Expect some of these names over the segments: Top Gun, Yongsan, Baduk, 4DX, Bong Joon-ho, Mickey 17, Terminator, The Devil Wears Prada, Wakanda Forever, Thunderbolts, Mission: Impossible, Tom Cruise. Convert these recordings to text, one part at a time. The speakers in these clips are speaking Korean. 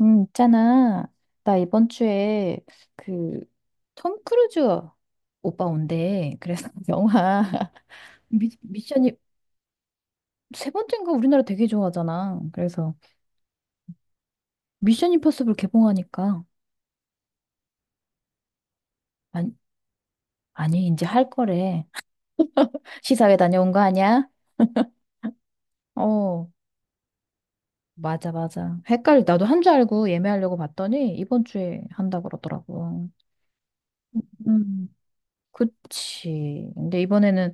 있잖아. 나 이번 주에 그, 톰 크루즈 오빠 온대. 그래서 영화, 미션이, 세 번째인가 우리나라 되게 좋아하잖아. 그래서 미션 임퍼서블 개봉하니까. 아니, 아니, 이제 할 거래. 시사회 다녀온 거 아니야? 어, 맞아, 맞아. 헷갈리, 나도 한 줄 알고 예매하려고 봤더니 이번 주에 한다 그러더라고. 음, 그치. 근데 이번에는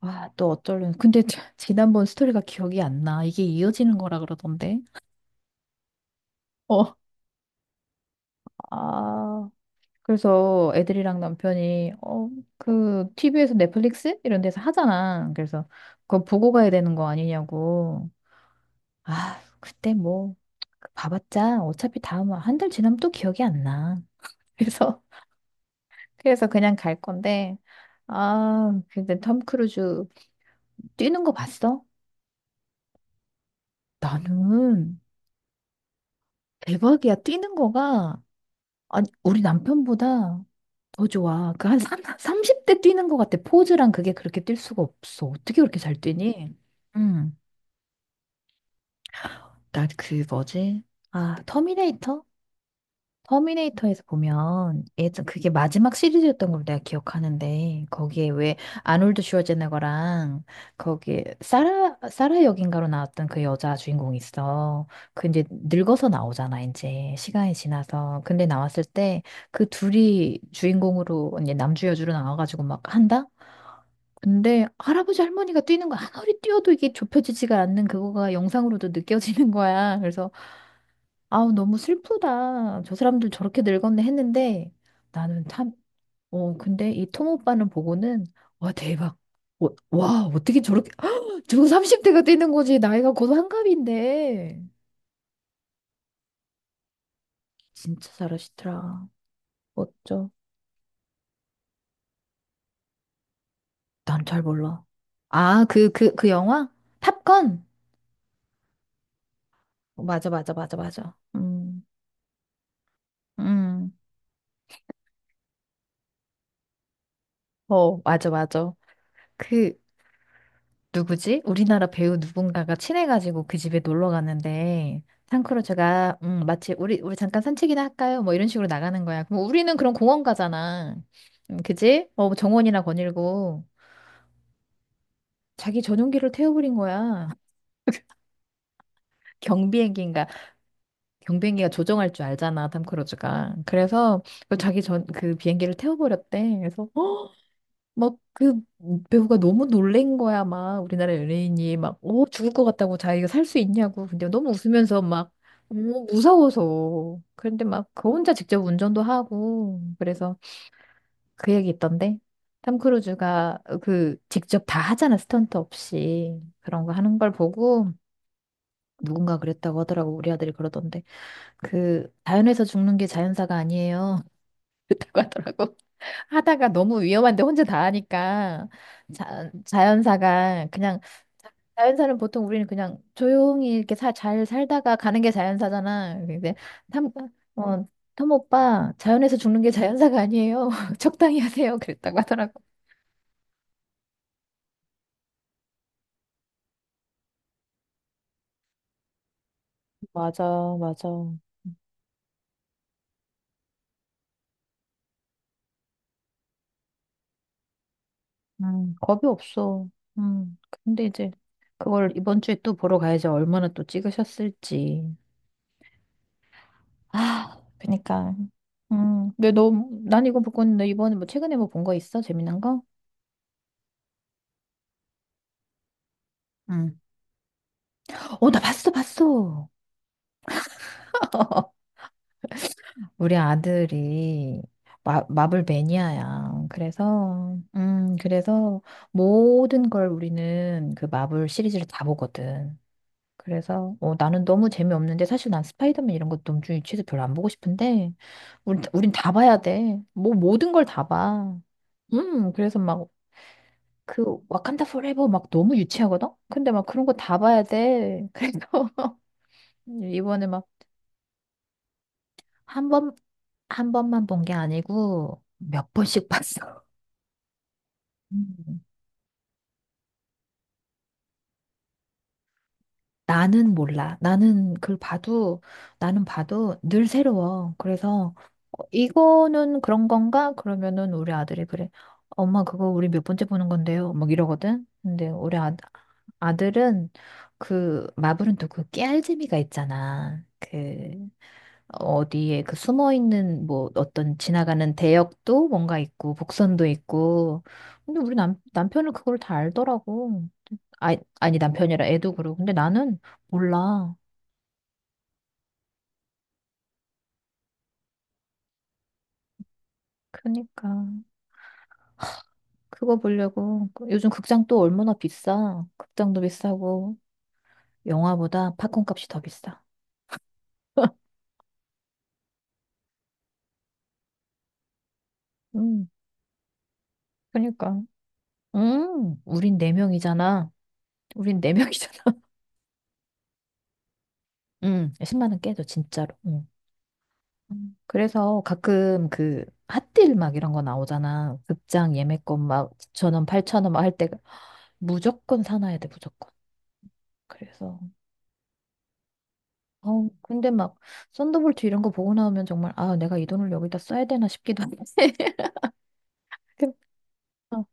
아, 또 어쩌려는. 근데 지난번 스토리가 기억이 안 나. 이게 이어지는 거라 그러던데. 어, 아, 그래서 애들이랑 남편이, TV에서 넷플릭스? 이런 데서 하잖아. 그래서 그거 보고 가야 되는 거 아니냐고. 아, 그때 뭐, 봐봤자 어차피 다음, 한 달 지나면 또 기억이 안 나. 그래서, 그래서 그냥 갈 건데. 아, 근데 톰 크루즈 뛰는 거 봤어? 나는 대박이야. 뛰는 거가. 아니, 우리 남편보다 더 좋아. 그 한 30대 뛰는 것 같아. 포즈랑 그게 그렇게 뛸 수가 없어. 어떻게 그렇게 잘 뛰니? 응. 나 그 뭐지? 아, 터미네이터? 터미네이터에서 보면 예전 그게 마지막 시리즈였던 걸 내가 기억하는데 거기에 왜 아놀드 슈워제네거랑 거기에 사라 역인가로 나왔던 그 여자 주인공이 있어. 그 이제 늙어서 나오잖아 이제 시간이 지나서. 근데 나왔을 때 그 둘이 주인공으로 이제 남주 여주로 나와가지고 막 한다. 근데 할아버지 할머니가 뛰는 거 아무리 뛰어도 이게 좁혀지지가 않는 그거가 영상으로도 느껴지는 거야. 그래서 아우, 너무 슬프다. 저 사람들 저렇게 늙었네 했는데 나는 참, 어, 근데 이 톰 오빠는 보고는 와, 대박. 어, 와, 어떻게 저렇게, 저거 30대가 뛰는 거지. 나이가 곧 한갑인데. 진짜 잘하시더라. 멋져. 난 잘 몰라. 아, 그 영화? 탑건? 어, 맞아, 맞아, 맞아, 맞아. 음. 어, 맞아, 맞아. 그, 누구지? 우리나라 배우 누군가가 친해가지고 그 집에 놀러 갔는데 탕크루즈가 마치 우리 잠깐 산책이나 할까요? 뭐 이런 식으로 나가는 거야. 그럼 우리는 그런 공원 가잖아. 그지? 어, 뭐 정원이나 거닐고 자기 전용기를 태워버린 거야. 경비행기인가? 경비행기가 조종할 줄 알잖아, 탐크루즈가. 그래서 그 자기 전 그 비행기를 태워버렸대. 그래서 어, 막 그 배우가 너무 놀란 거야. 막 우리나라 연예인이 막, 어, 죽을 것 같다고 자기가 살 수 있냐고. 근데 너무 웃으면서 막, 어, 무서워서. 그런데 막 그 혼자 직접 운전도 하고. 그래서 그 얘기 있던데. 탐 크루즈가 그 직접 다 하잖아. 스턴트 없이. 그런 거 하는 걸 보고 누군가 그랬다고 하더라고. 우리 아들이 그러던데. 그 자연에서 죽는 게 자연사가 아니에요. 그랬다고 하더라고. 하다가 너무 위험한데 혼자 다 하니까 자연사가 그냥 자- 자연사는 보통 우리는 그냥 조용히 이렇게 잘 살다가 가는 게 자연사잖아. 근데 탐, 어, 톰 오빠 자연에서 죽는 게 자연사가 아니에요. 적당히 하세요. 그랬다고 하더라고. 맞아, 맞아. 겁이 없어. 음, 근데 이제 그걸 이번 주에 또 보러 가야지 얼마나 또 찍으셨을지. 아, 그니까. 근데 난 이거 못 봤는데 이번에 뭐 최근에 뭐 본 거 있어? 재미난 거? 응. 봤어. 우리 아들이 마블 매니아야. 그래서 모든 걸 우리는 그 마블 시리즈를 다 보거든. 그래서, 어, 나는 너무 재미없는데, 사실 난 스파이더맨 이런 것도 너무 유치해서 별로 안 보고 싶은데, 우린 다 봐야 돼. 뭐, 모든 걸 다 봐. 그래서 막, 그 와칸다 포레버 막 너무 유치하거든? 근데 막 그런 거 다 봐야 돼. 그래서 이번에 막 한 번, 한 번만 본 게 아니고 몇 번씩 봤어. 음. 나는 몰라. 나는 봐도 늘 새로워. 그래서 어, 이거는 그런 건가? 그러면은 우리 아들이 그래. 엄마 그거 우리 몇 번째 보는 건데요. 막 이러거든. 근데 아들은 그 마블은 또 그 깨알 재미가 있잖아. 그 어디에 그 숨어 있는 뭐 어떤 지나가는 대역도 뭔가 있고 복선도 있고 근데 우리 남 남편은 그걸 다 알더라고 아 아니 남편이라 애도 그러고 근데 나는 몰라 그러니까 그거 보려고 요즘 극장 또 얼마나 비싸 극장도 비싸고 영화보다 팝콘 값이 더 비싸 음 그러니까 우린 4명이잖아 우린 네 명이잖아 10만 원 깨져 진짜로 그래서 가끔 그 핫딜 막 이런 거 나오잖아. 극장 예매권 막9천원 8,000원 막 할 때 무조건 사놔야 돼, 무조건. 그래서 근데 막 썬더볼트 이런 거 보고 나오면 정말 아, 내가 이 돈을 여기다 써야 되나 싶기도 하고. 그- 어,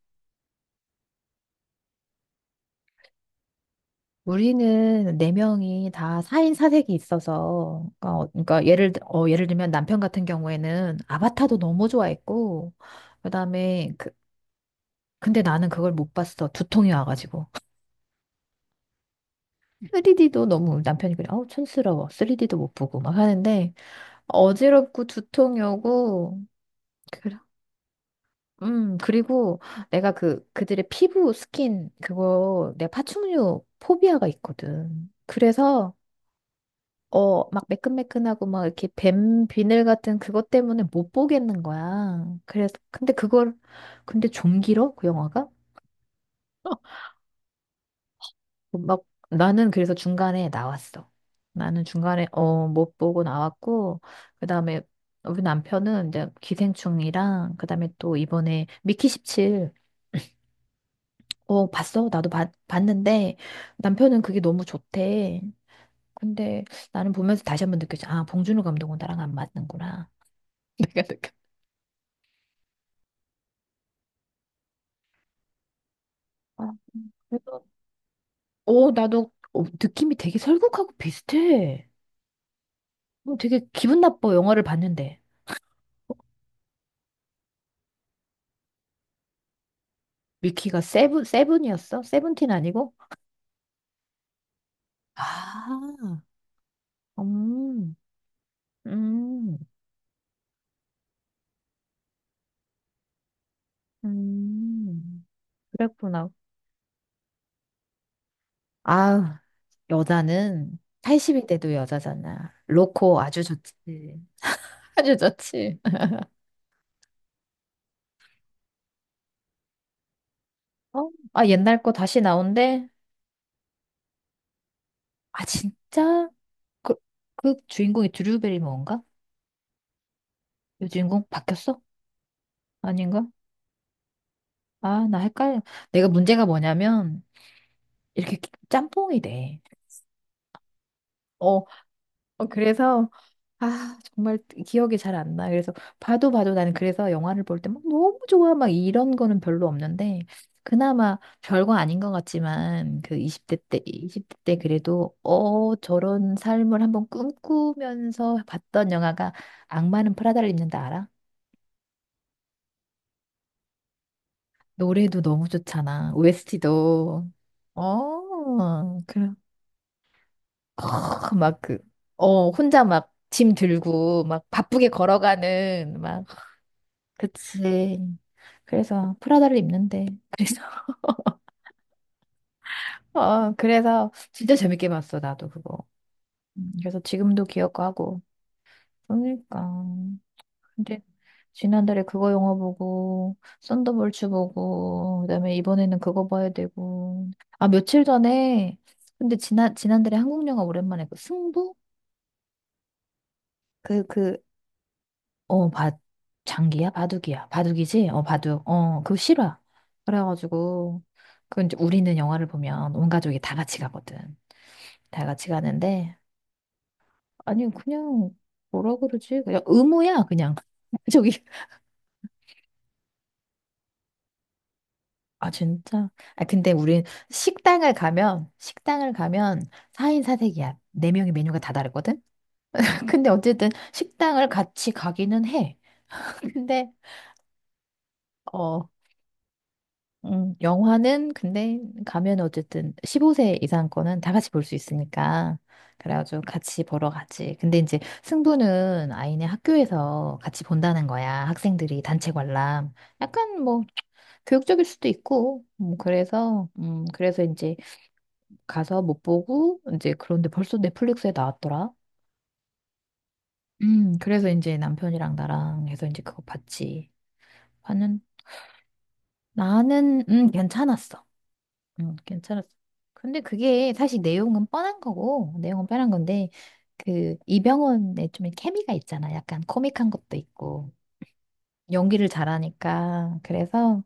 우리는 4명이 다 사인사색이 있어서 그러니까 어, 그러니까 어, 예를 들면 남편 같은 경우에는 아바타도 너무 좋아했고 그다음에 그 근데 나는 그걸 못 봤어. 두통이 와가지고. 3D도 너무 남편이 그래, 어우, 촌스러워. 3D도 못 보고 막 하는데, 어지럽고 두통이 오고, 그, 그리고 내가 그들의 피부 스킨, 그거, 내가 파충류 포비아가 있거든. 그래서, 어, 막 매끈매끈하고 막 이렇게 뱀 비늘 같은 그것 때문에 못 보겠는 거야. 그래서, 근데 좀 길어? 그 영화가? 막 나는 그래서 중간에 나왔어. 나는 중간에 어 못 보고 나왔고 그다음에 우리 남편은 이제 기생충이랑 그다음에 또 이번에 미키 17. 어 봤어. 나도 봤는데 남편은 그게 너무 좋대. 근데 나는 보면서 다시 한번 느꼈지. 아, 봉준호 감독은 나랑 안 맞는구나. 내가 느꼈. 어, 그래서 어 나도 어, 느낌이 되게 설국하고 비슷해. 어, 되게 기분 나빠 영화를 봤는데. 위키가 세븐이었어? 세븐틴 아니고? 아, 음, 음, 음. 그랬구나. 아, 여자는 80이 돼도 여자잖아. 로코 아주 좋지. 아주 좋지. 어? 아, 옛날 거 다시 나온대? 아, 진짜? 그, 그 주인공이 드류 베리모어인가? 요 주인공 바뀌었어? 아닌가? 아, 나 헷갈려. 내가 문제가 뭐냐면, 이렇게 짬뽕이 돼. 어, 그래서 아, 정말 기억이 잘 안 나. 그래서 봐도 봐도 나는 그래서 영화를 볼 때 막 너무 좋아 막 이런 거는 별로 없는데 그나마 별거 아닌 것 같지만 그 20대 때 그래도 어 저런 삶을 한번 꿈꾸면서 봤던 영화가 악마는 프라다를 입는다 알아? 노래도 너무 좋잖아. OST도 어, 그래. 막 그, 어, 혼자 막 짐 들고 막 바쁘게 걸어가는 막 그치. 그래서 프라다를 입는데. 어, 그래서 진짜 재밌게 봤어, 나도 그거. 그래서 지금도 기억하고. 그러니까. 근데 지난달에 그거 영화 보고, 썬더볼츠 보고, 그다음에 이번에는 그거 봐야 되고. 아, 며칠 전에, 근데 지난달에 한국 영화 오랜만에 그 승부? 그 그. 어, 장기야? 바둑이야. 바둑이지? 어, 바둑. 어, 그거 싫어. 그래가지고, 그 이제 우리는 영화를 보면 온 가족이 다 같이 가거든. 다 같이 가는데, 아니, 그냥, 뭐라 그러지? 그냥 의무야, 그냥. 저기, 아, 진짜? 아, 근데 우린 식당을 가면 4인 4색이야. 네명의 메뉴가 다 다르거든? 근데 어쨌든 식당을 같이 가기는 해. 근데, 어... 영화는 근데 가면 어쨌든 15세 이상 거는 다 같이 볼 수 있으니까 그래가지고 같이 보러 가지. 근데 이제 승부는 아이네 학교에서 같이 본다는 거야. 학생들이 단체 관람. 약간 뭐 교육적일 수도 있고. 그래서 이제 가서 못 보고 이제 그런데 벌써 넷플릭스에 나왔더라. 그래서 이제 남편이랑 나랑 해서 이제 그거 봤지. 나는 나는 괜찮았어. 응, 괜찮았어. 근데 그게 사실 내용은 뻔한 거고, 내용은 뻔한 건데, 그, 이병헌의 좀 케미가 있잖아. 약간 코믹한 것도 있고, 연기를 잘하니까. 그래서,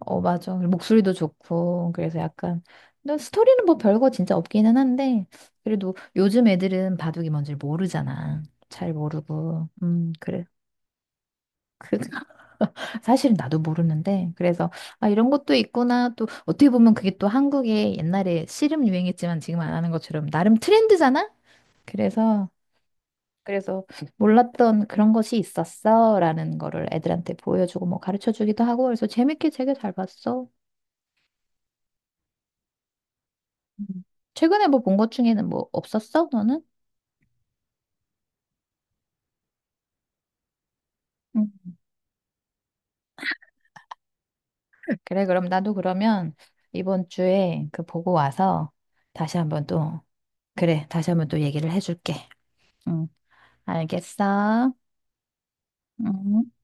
어, 맞아. 목소리도 좋고, 그래서 약간, 근데 스토리는 뭐 별거 진짜 없기는 한데, 그래도 요즘 애들은 바둑이 뭔지 모르잖아. 잘 모르고. 그래. 그, 사실 나도 모르는데 그래서 아 이런 것도 있구나 또 어떻게 보면 그게 또 한국에 옛날에 씨름 유행했지만 지금 안 하는 것처럼 나름 트렌드잖아? 그래서 그래서 몰랐던 그런 것이 있었어라는 거를 애들한테 보여주고 뭐 가르쳐 주기도 하고 그래서 재밌게 되게 잘 봤어. 음. 최근에 뭐 본 것 중에는 뭐 없었어? 너는? 음. 그래 그럼 나도 그러면 이번 주에 그 보고 와서 다시 한번 또 그래 다시 한번 또 얘기를 해줄게. 응. 알겠어. 응.